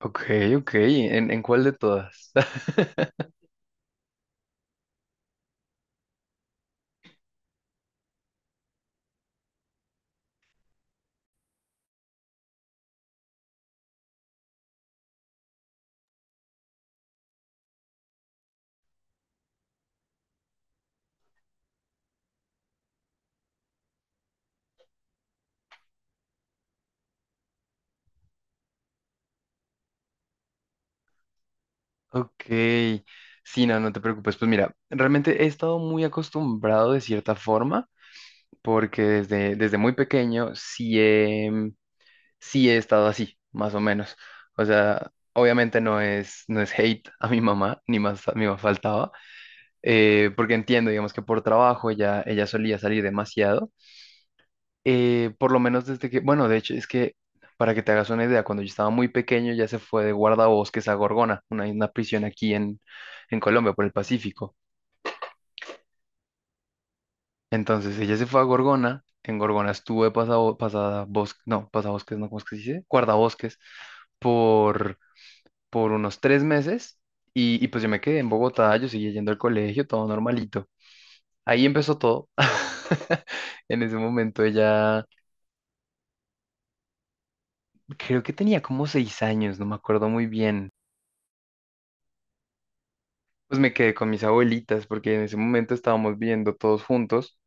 Ok, ok. ¿En cuál de todas? Ok. Sí, no, no te preocupes. Pues mira, realmente he estado muy acostumbrado de cierta forma, porque desde muy pequeño sí he estado así, más o menos. O sea, obviamente no es hate a mi mamá, ni más faltaba, porque entiendo, digamos que por trabajo ella solía salir demasiado. Por lo menos desde que, bueno, de hecho, es que para que te hagas una idea, cuando yo estaba muy pequeño ya se fue de guardabosques a Gorgona, una prisión aquí en Colombia, por el Pacífico. Entonces ella se fue a Gorgona, en Gorgona estuve pasada bosque, no, pasabosques, no, ¿cómo es que se dice? Guardabosques por, por unos tres meses y pues yo me quedé en Bogotá, yo seguía yendo al colegio, todo normalito. Ahí empezó todo. En ese momento ella, creo que tenía como seis años, no me acuerdo muy bien. Pues me quedé con mis abuelitas porque en ese momento estábamos viviendo todos juntos,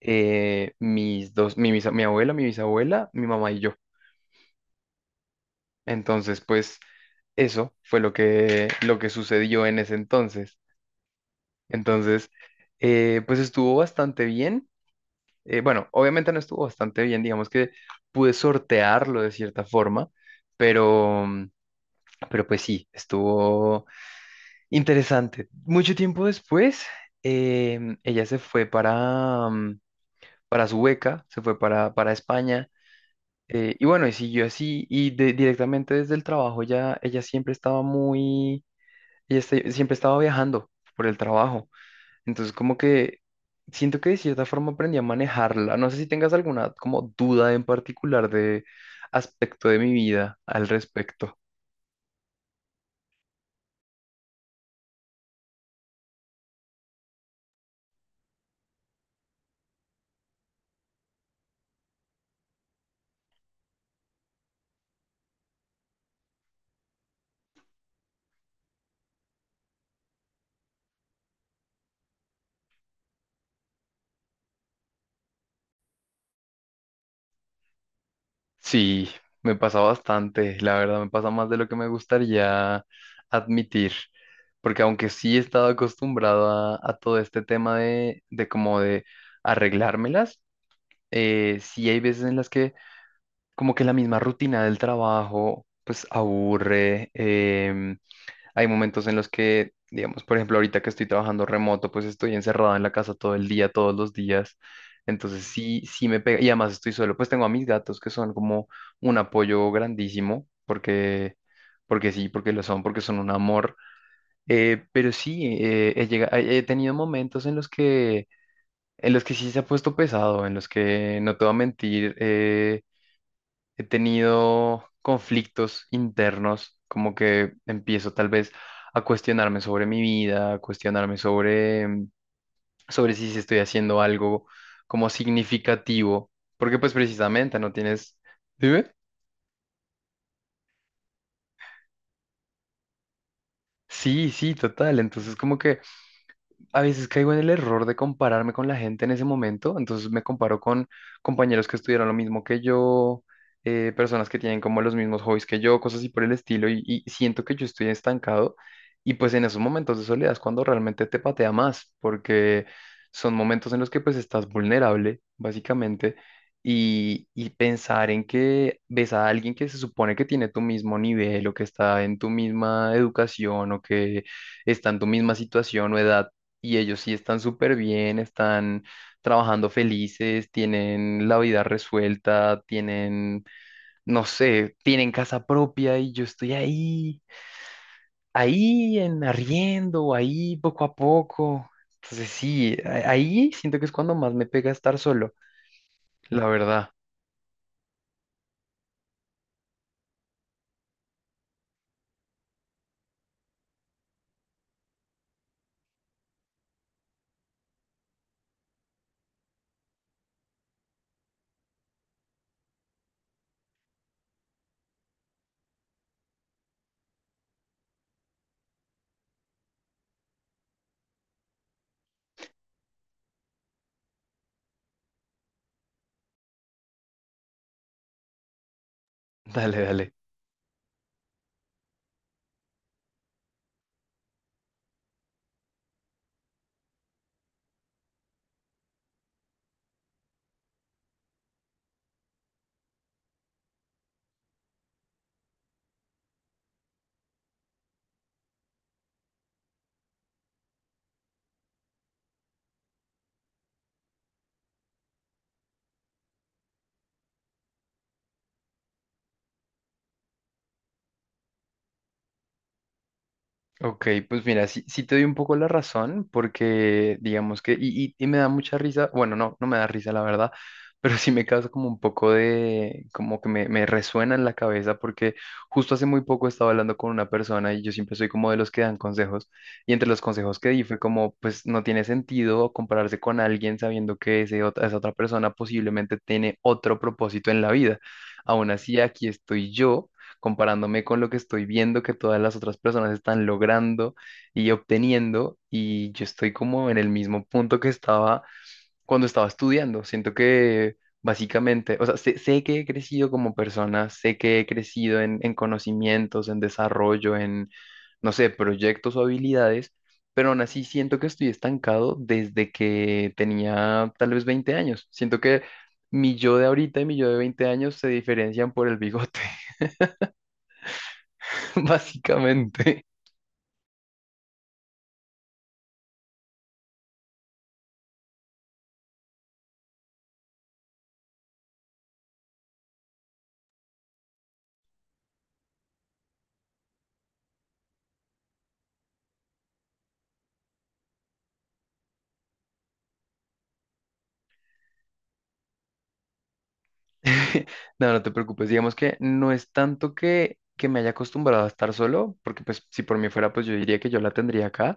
mis dos, mi, bisa- mi abuela, mi bisabuela, mi mamá y yo. Entonces, pues eso fue lo que sucedió en ese entonces. Entonces, pues estuvo bastante bien. Bueno, obviamente no estuvo bastante bien, digamos que pude sortearlo de cierta forma, pero, pero pues sí, estuvo interesante. Mucho tiempo después, ella se fue para su beca, se fue para España. Y bueno, y siguió así, directamente desde el trabajo ya ella siempre estaba muy, siempre estaba viajando por el trabajo. Entonces como que siento que de cierta forma aprendí a manejarla. No sé si tengas alguna como duda en particular de aspecto de mi vida al respecto. Sí, me pasa bastante, la verdad, me pasa más de lo que me gustaría admitir, porque aunque sí he estado acostumbrado a todo este tema de arreglármelas, sí hay veces en las que como que la misma rutina del trabajo pues aburre, hay momentos en los que, digamos, por ejemplo, ahorita que estoy trabajando remoto, pues estoy encerrado en la casa todo el día, todos los días. Entonces sí, sí me pega. Y además estoy solo, pues tengo a mis gatos que son como un apoyo grandísimo, porque sí, porque lo son, porque son un amor. Pero sí, he llega- he he tenido momentos en los que sí se ha puesto pesado, en los que, no te voy a mentir, he tenido conflictos internos, como que empiezo tal vez a cuestionarme sobre mi vida, a cuestionarme sobre, sobre si estoy haciendo algo como significativo, porque pues precisamente no tienes... Dime. Sí, sí, total. Entonces como que a veces caigo en el error de compararme con la gente en ese momento, entonces me comparo con compañeros que estudiaron lo mismo que yo, personas que tienen como los mismos hobbies que yo, cosas así por el estilo, y siento que yo estoy estancado, y pues en esos momentos de soledad es cuando realmente te patea más, porque son momentos en los que pues estás vulnerable, básicamente, y pensar en que ves a alguien que se supone que tiene tu mismo nivel o que está en tu misma educación o que está en tu misma situación o edad y ellos sí están súper bien, están trabajando felices, tienen la vida resuelta, tienen, no sé, tienen casa propia y yo estoy ahí, ahí en arriendo, ahí poco a poco. Entonces sí, ahí siento que es cuando más me pega estar solo, la verdad. Dale, dale. Ok, pues mira, sí, sí te doy un poco la razón, porque digamos y me da mucha risa, bueno, no, no me da risa la verdad, pero sí me causa como un poco de, como que me resuena en la cabeza, porque justo hace muy poco estaba hablando con una persona y yo siempre soy como de los que dan consejos, y entre los consejos que di fue como, pues no tiene sentido compararse con alguien sabiendo que esa otra persona posiblemente tiene otro propósito en la vida. Aún así, aquí estoy yo comparándome con lo que estoy viendo que todas las otras personas están logrando y obteniendo, y yo estoy como en el mismo punto que estaba cuando estaba estudiando. Siento que básicamente, o sea, sé que he crecido como persona, sé que he crecido en conocimientos, en desarrollo, en, no sé, proyectos o habilidades, pero aún así siento que estoy estancado desde que tenía tal vez 20 años. Siento que mi yo de ahorita y mi yo de 20 años se diferencian por el bigote. Básicamente, no, no te preocupes, digamos que no es tanto que me haya acostumbrado a estar solo, porque pues si por mí fuera, pues yo diría que yo la tendría acá.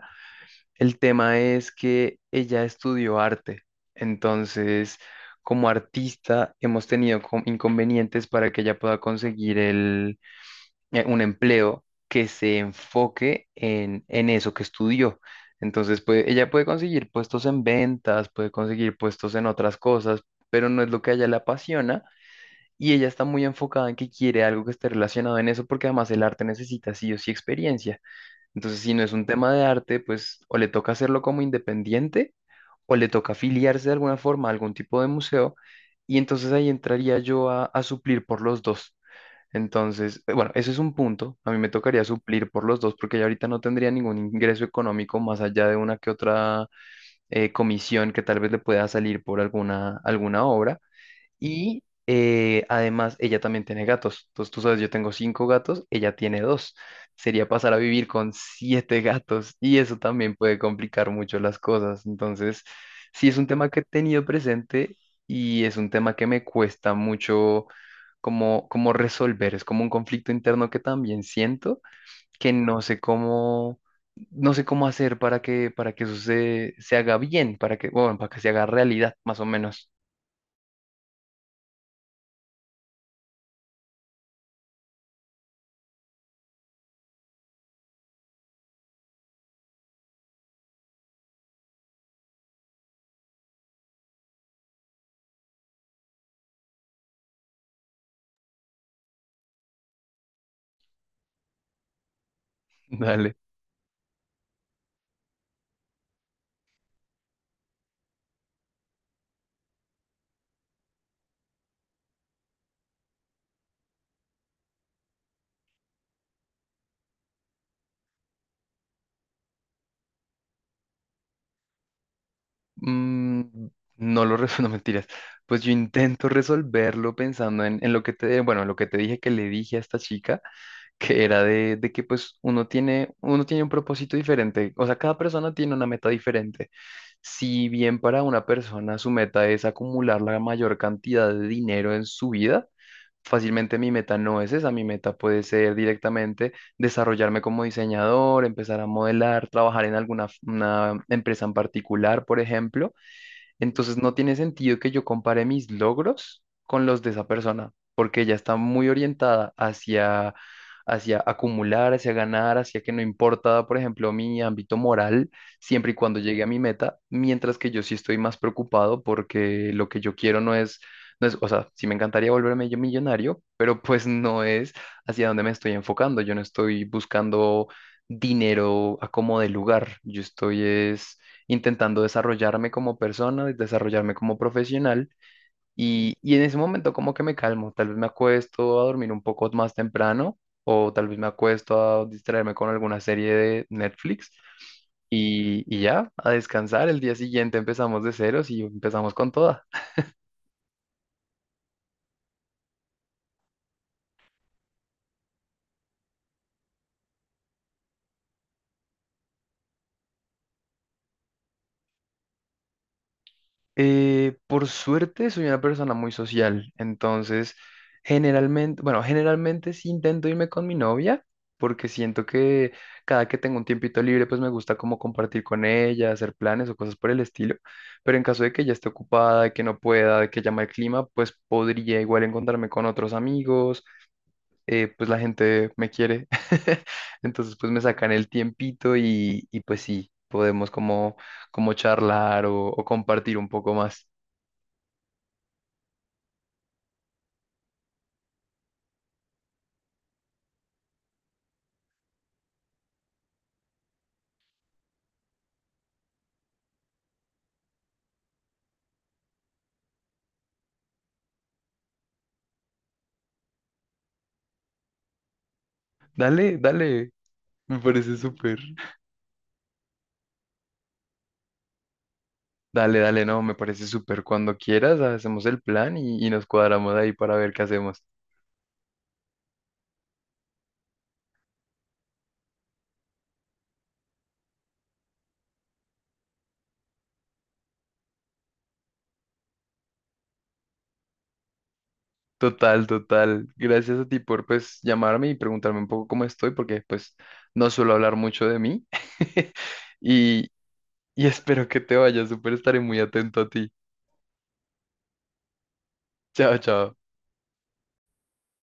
El tema es que ella estudió arte, entonces como artista hemos tenido inconvenientes para que ella pueda conseguir el un empleo que se enfoque en eso que estudió. Entonces, pues, ella puede conseguir puestos en ventas, puede conseguir puestos en otras cosas, pero no es lo que a ella le apasiona y ella está muy enfocada en que quiere algo que esté relacionado en eso porque además el arte necesita sí o sí experiencia. Entonces, si no es un tema de arte, pues o le toca hacerlo como independiente o le toca afiliarse de alguna forma a algún tipo de museo y entonces ahí entraría yo a suplir por los dos. Entonces, bueno, ese es un punto. A mí me tocaría suplir por los dos porque ya ahorita no tendría ningún ingreso económico más allá de una que otra comisión que tal vez le pueda salir por alguna obra. Y además ella también tiene gatos. Entonces tú sabes, yo tengo cinco gatos, ella tiene dos. Sería pasar a vivir con siete gatos y eso también puede complicar mucho las cosas. Entonces, sí es un tema que he tenido presente y es un tema que me cuesta mucho como, como resolver. Es como un conflicto interno que también siento que no sé cómo... No sé cómo hacer para que eso se, se haga bien, para que, bueno, para que se haga realidad, más o menos. Dale. Mm, no lo resuelvo, mentiras. Pues yo intento resolverlo pensando en lo que te, bueno, en lo que te dije que le dije a esta chica, que era de que pues uno tiene un propósito diferente, o sea, cada persona tiene una meta diferente. Si bien para una persona su meta es acumular la mayor cantidad de dinero en su vida, fácilmente mi meta no es esa, mi meta puede ser directamente desarrollarme como diseñador, empezar a modelar, trabajar en alguna una empresa en particular, por ejemplo entonces no tiene sentido que yo compare mis logros con los de esa persona, porque ella está muy orientada hacia, hacia acumular, hacia ganar, hacia que no importa, por ejemplo, mi ámbito moral, siempre y cuando llegue a mi meta, mientras que yo sí estoy más preocupado porque lo que yo quiero no es, no es, o sea, sí me encantaría volverme yo millonario, pero pues no es hacia dónde me estoy enfocando, yo no estoy buscando dinero a como de lugar, yo estoy es intentando desarrollarme como persona, desarrollarme como profesional. Y en ese momento como que me calmo, tal vez me acuesto a dormir un poco más temprano o tal vez me acuesto a distraerme con alguna serie de Netflix y ya, a descansar. El día siguiente empezamos de ceros y empezamos con toda. Por suerte soy una persona muy social, entonces generalmente, bueno, generalmente sí intento irme con mi novia, porque siento que cada que tengo un tiempito libre, pues me gusta como compartir con ella, hacer planes o cosas por el estilo, pero en caso de que ella esté ocupada, de que no pueda, de que llama el clima, pues podría igual encontrarme con otros amigos, pues la gente me quiere, entonces pues me sacan el tiempito y pues sí, podemos como, como charlar o compartir un poco más. Dale, dale, me parece súper. Dale, dale, no, me parece súper. Cuando quieras, hacemos el plan y nos cuadramos ahí para ver qué hacemos. Total, total. Gracias a ti por pues llamarme y preguntarme un poco cómo estoy, porque pues no suelo hablar mucho de mí. Y, y espero que te vaya súper, estaré muy atento a ti. Chao, chao.